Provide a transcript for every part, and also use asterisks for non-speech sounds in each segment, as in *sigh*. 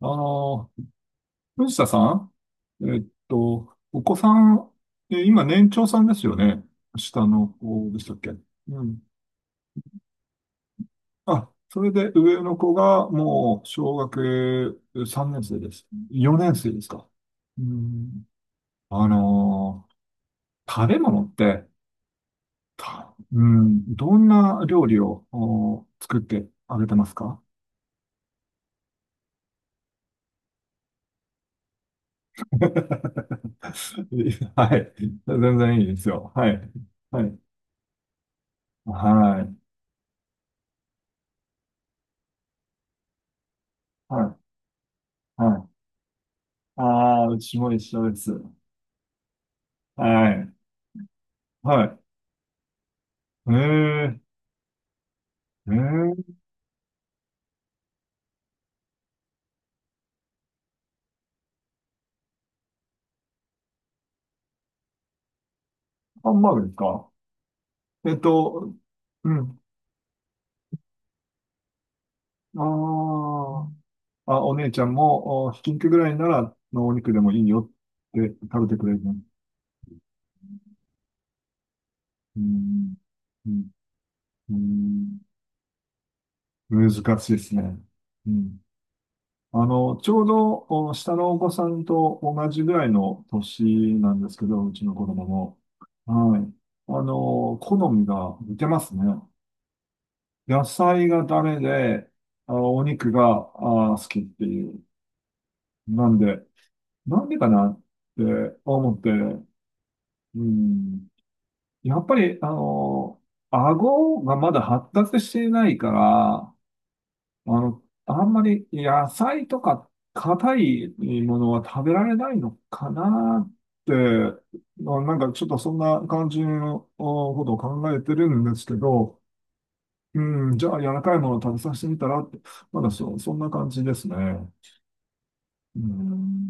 あの、藤田さん、お子さん、今年長さんですよね。下の子でしたっけ？うん。あ、それで上の子がもう小学3年生です。4年生ですか。うん。あの、食べ物って、たうん、どんな料理をお作ってあげてますか？ *laughs* はい。全然いいですよ。はい。はい。はい。はい。はい。ああ、うちも一緒です。はい。はい。ええ、ええ、ハンバーグですか。えっと、うん。ああ、あ、お姉ちゃんも、おひき肉ぐらいなら、のお肉でもいいよって食べてくれるの？うん、うん、うん、難しいですね。うん。ちょうど、お下のお子さんと同じぐらいの年なんですけど、うちの子供も。はい。好みが似てますね。野菜がダメで、お肉が、好きっていう。なんで、なんでかなって思って、うん。やっぱり、顎がまだ発達していないから、あんまり野菜とか硬いものは食べられないのかなって、まあなんかちょっとそんな感じのことを考えてるんですけど、うん、じゃあ、柔らかいものを食べさせてみたらって、まだそんな感じですね。うん、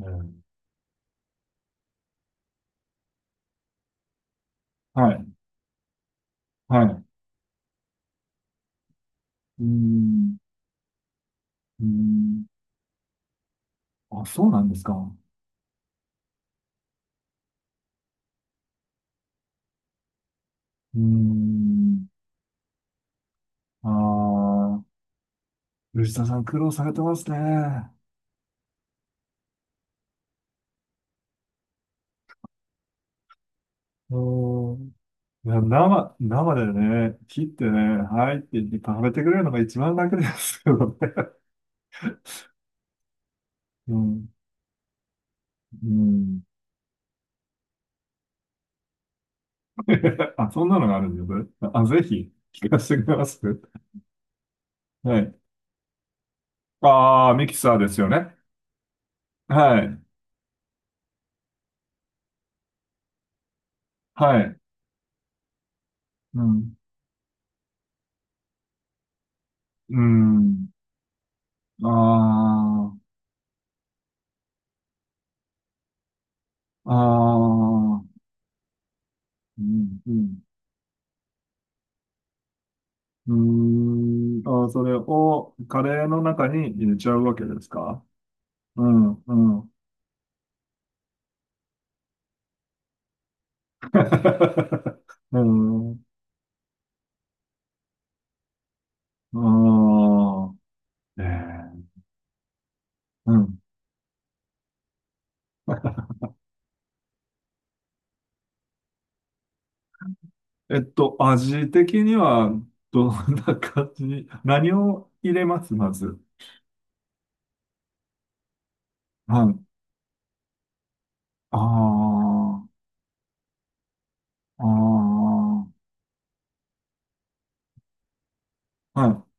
うん、はい、へー、はい。えー、はい、はい、うん、うん。あ、そうなんですか。うん。ああ、吉田さん苦労されてますね。うん。いや、生でね、切ってね、はいって言って食べてくれるのが一番楽ですよね。*laughs* うん、うん。*laughs* あ、そんなのがあるんですよ、それ、あ、ぜひ、聞かせてくれます？はい。ああ、ミキサーですよね。はい。はい。うん。うん。ああ、ああ、うん、うん。うーん、それをカレーの中に入れちゃうわけですか？うん、うん。*laughs* うん、ああ、ええ、うん。味的には、どんな感じに、何を入れます、まず？はい。ああ、ああ、はい。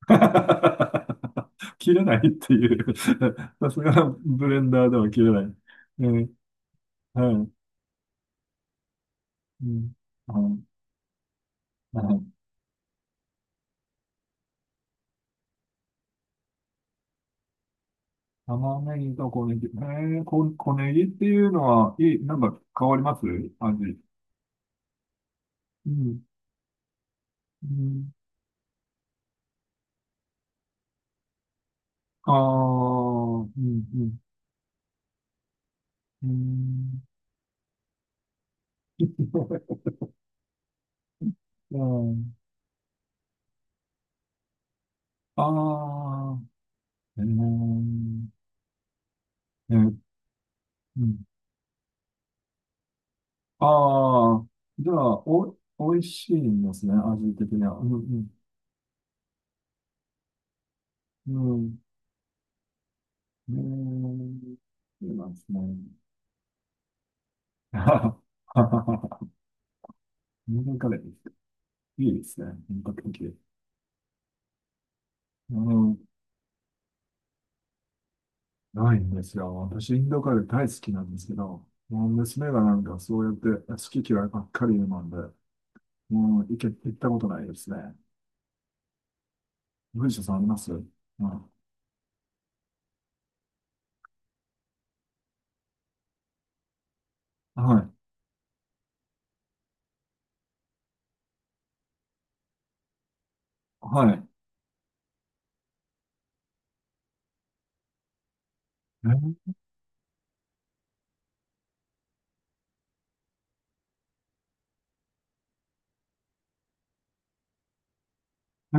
*laughs* 切れないっていう。*laughs* さすがブレンダーでは切れない。ね、はい。うん、はい。はい、玉ねぎと小ネギ。小ネギっていうのは、いい、なんか変わります、味？うん。うん。ああ、うん、うん。うん。*laughs* うん、ああ、えー、ね、うん。ああ、じゃあ、お、美味しいんですね、味的には。うん、うん、うん。えー、いいなんですね。*laughs* インドカレー、いいですね、本格的。うん、ないんですよ。私、インドカレー大好きなんですけど、もう娘がなんかそうやって好き嫌いばっかりなうんで、もう行ったことないですね。文章さんあります？うん、はい、はい。えーえ、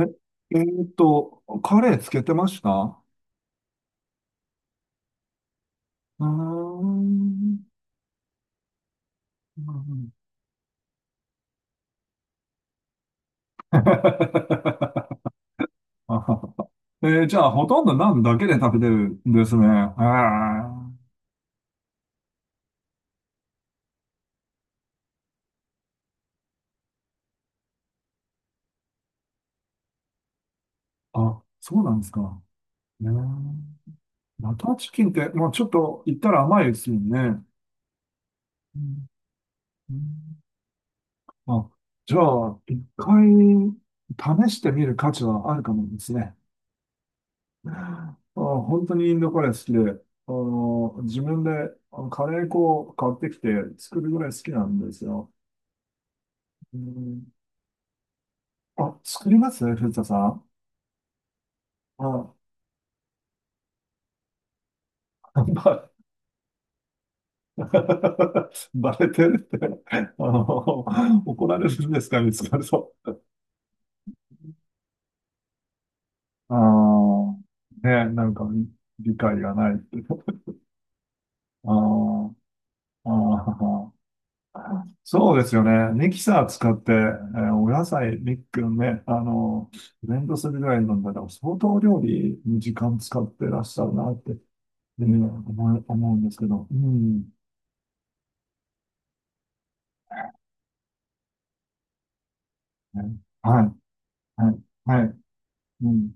えーっと、カレーつけてました？うーん。*laughs* じゃあ、ほとんどナンだけで食べてるんですね。へー、あ、そうなんですか。ねえ、バターチキンって、まあ、ちょっと言ったら甘いですよね。うん、うん、あ、じゃあ、一回試してみる価値はあるかもですね。あー、本当にインドカレー好きで、自分でカレー粉を買ってきて作るぐらい好きなんですよ。うん、あ、作りますね、藤田さん。あ、ば、*laughs* バレてるって、あの、怒られるんですか、見つかると？ああ、ね、なんか理解がないって。ああ、ああ、そうですよね。ミキサー使って、お野菜、ミックね、ブレンドするぐらいなんだから、相当料理に時間使ってらっしゃるなって、思うんですけど。うん。ね、はい、はい、はい。うん。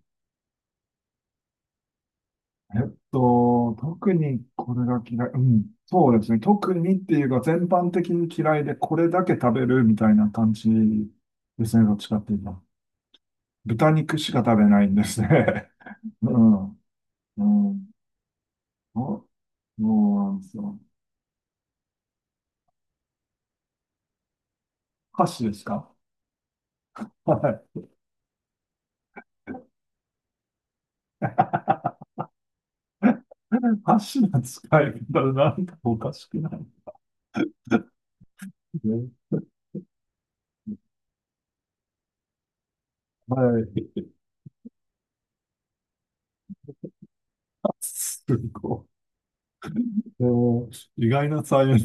特にこれが嫌い。うん。そうですね。特にっていうか、全般的に嫌いで、これだけ食べるみたいな感じですね。どっちかっていうと。豚肉しか食べないんですね。*laughs* うん。うん。そうなんですよ。歌詞ですか？はい。*laughs* 歌詞の使い方なんかおかしくない？ね、はい。すごい。でも意外な才能、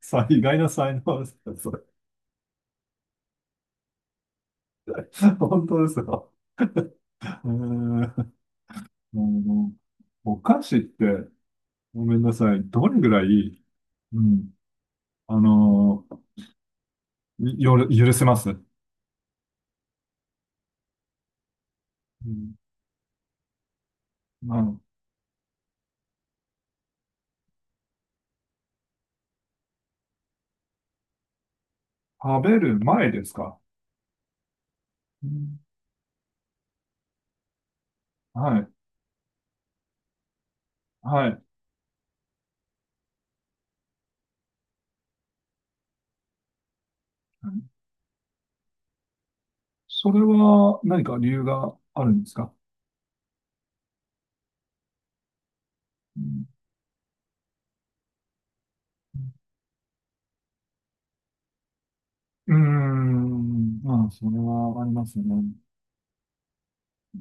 意外な才能ですね、それ。本当ですよ。えー、あの、お菓子って、ごめんなさい、どれぐらい、うん、あの、よる、許せます？うん、あの、食べる前ですか？うん、はい、はい。それは何か理由があるんですか？うん、うーん、まあ、それはありますよね。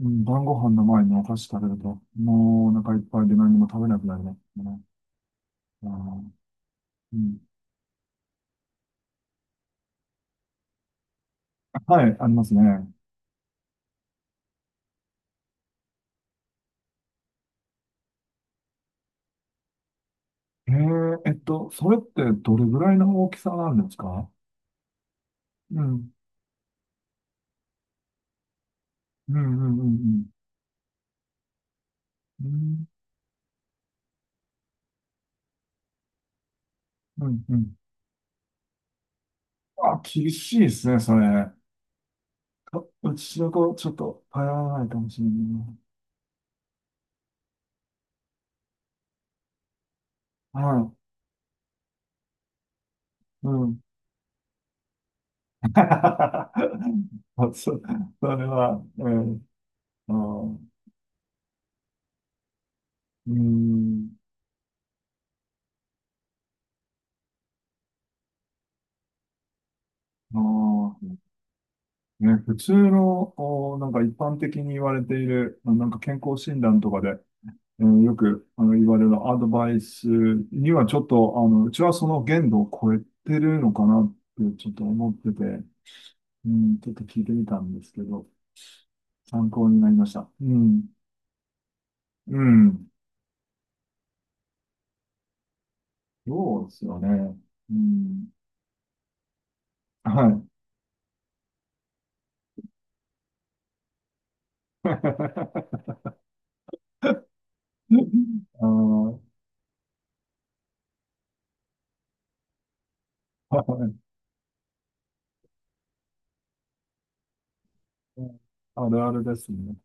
うん、晩ご飯の前にお菓子食べると、もうお腹いっぱいで何も食べなくなりますよね。あー、うん、はい、ありますね。それってどれぐらいの大きさなんですか？うん、うん、うん、うん、うん、うん、うん。あ、厳しいですね、それ。あ、うちの子、ちょっと、頼らないかもしれない。はい、うん、*laughs* それは、うん、あー、うーん、あー、ね、普通の、なんか一般的に言われている、なんか健康診断とかで、よく言われるアドバイスにはちょっと、うちはその限度を超えてるのかなってちょっと思ってて、うん、ちょっと聞いてみたんですけど、参考になりました。うん、うん、そうですよね。うん、はい。*laughs* うん、あー、*laughs* はい。あるあるですね。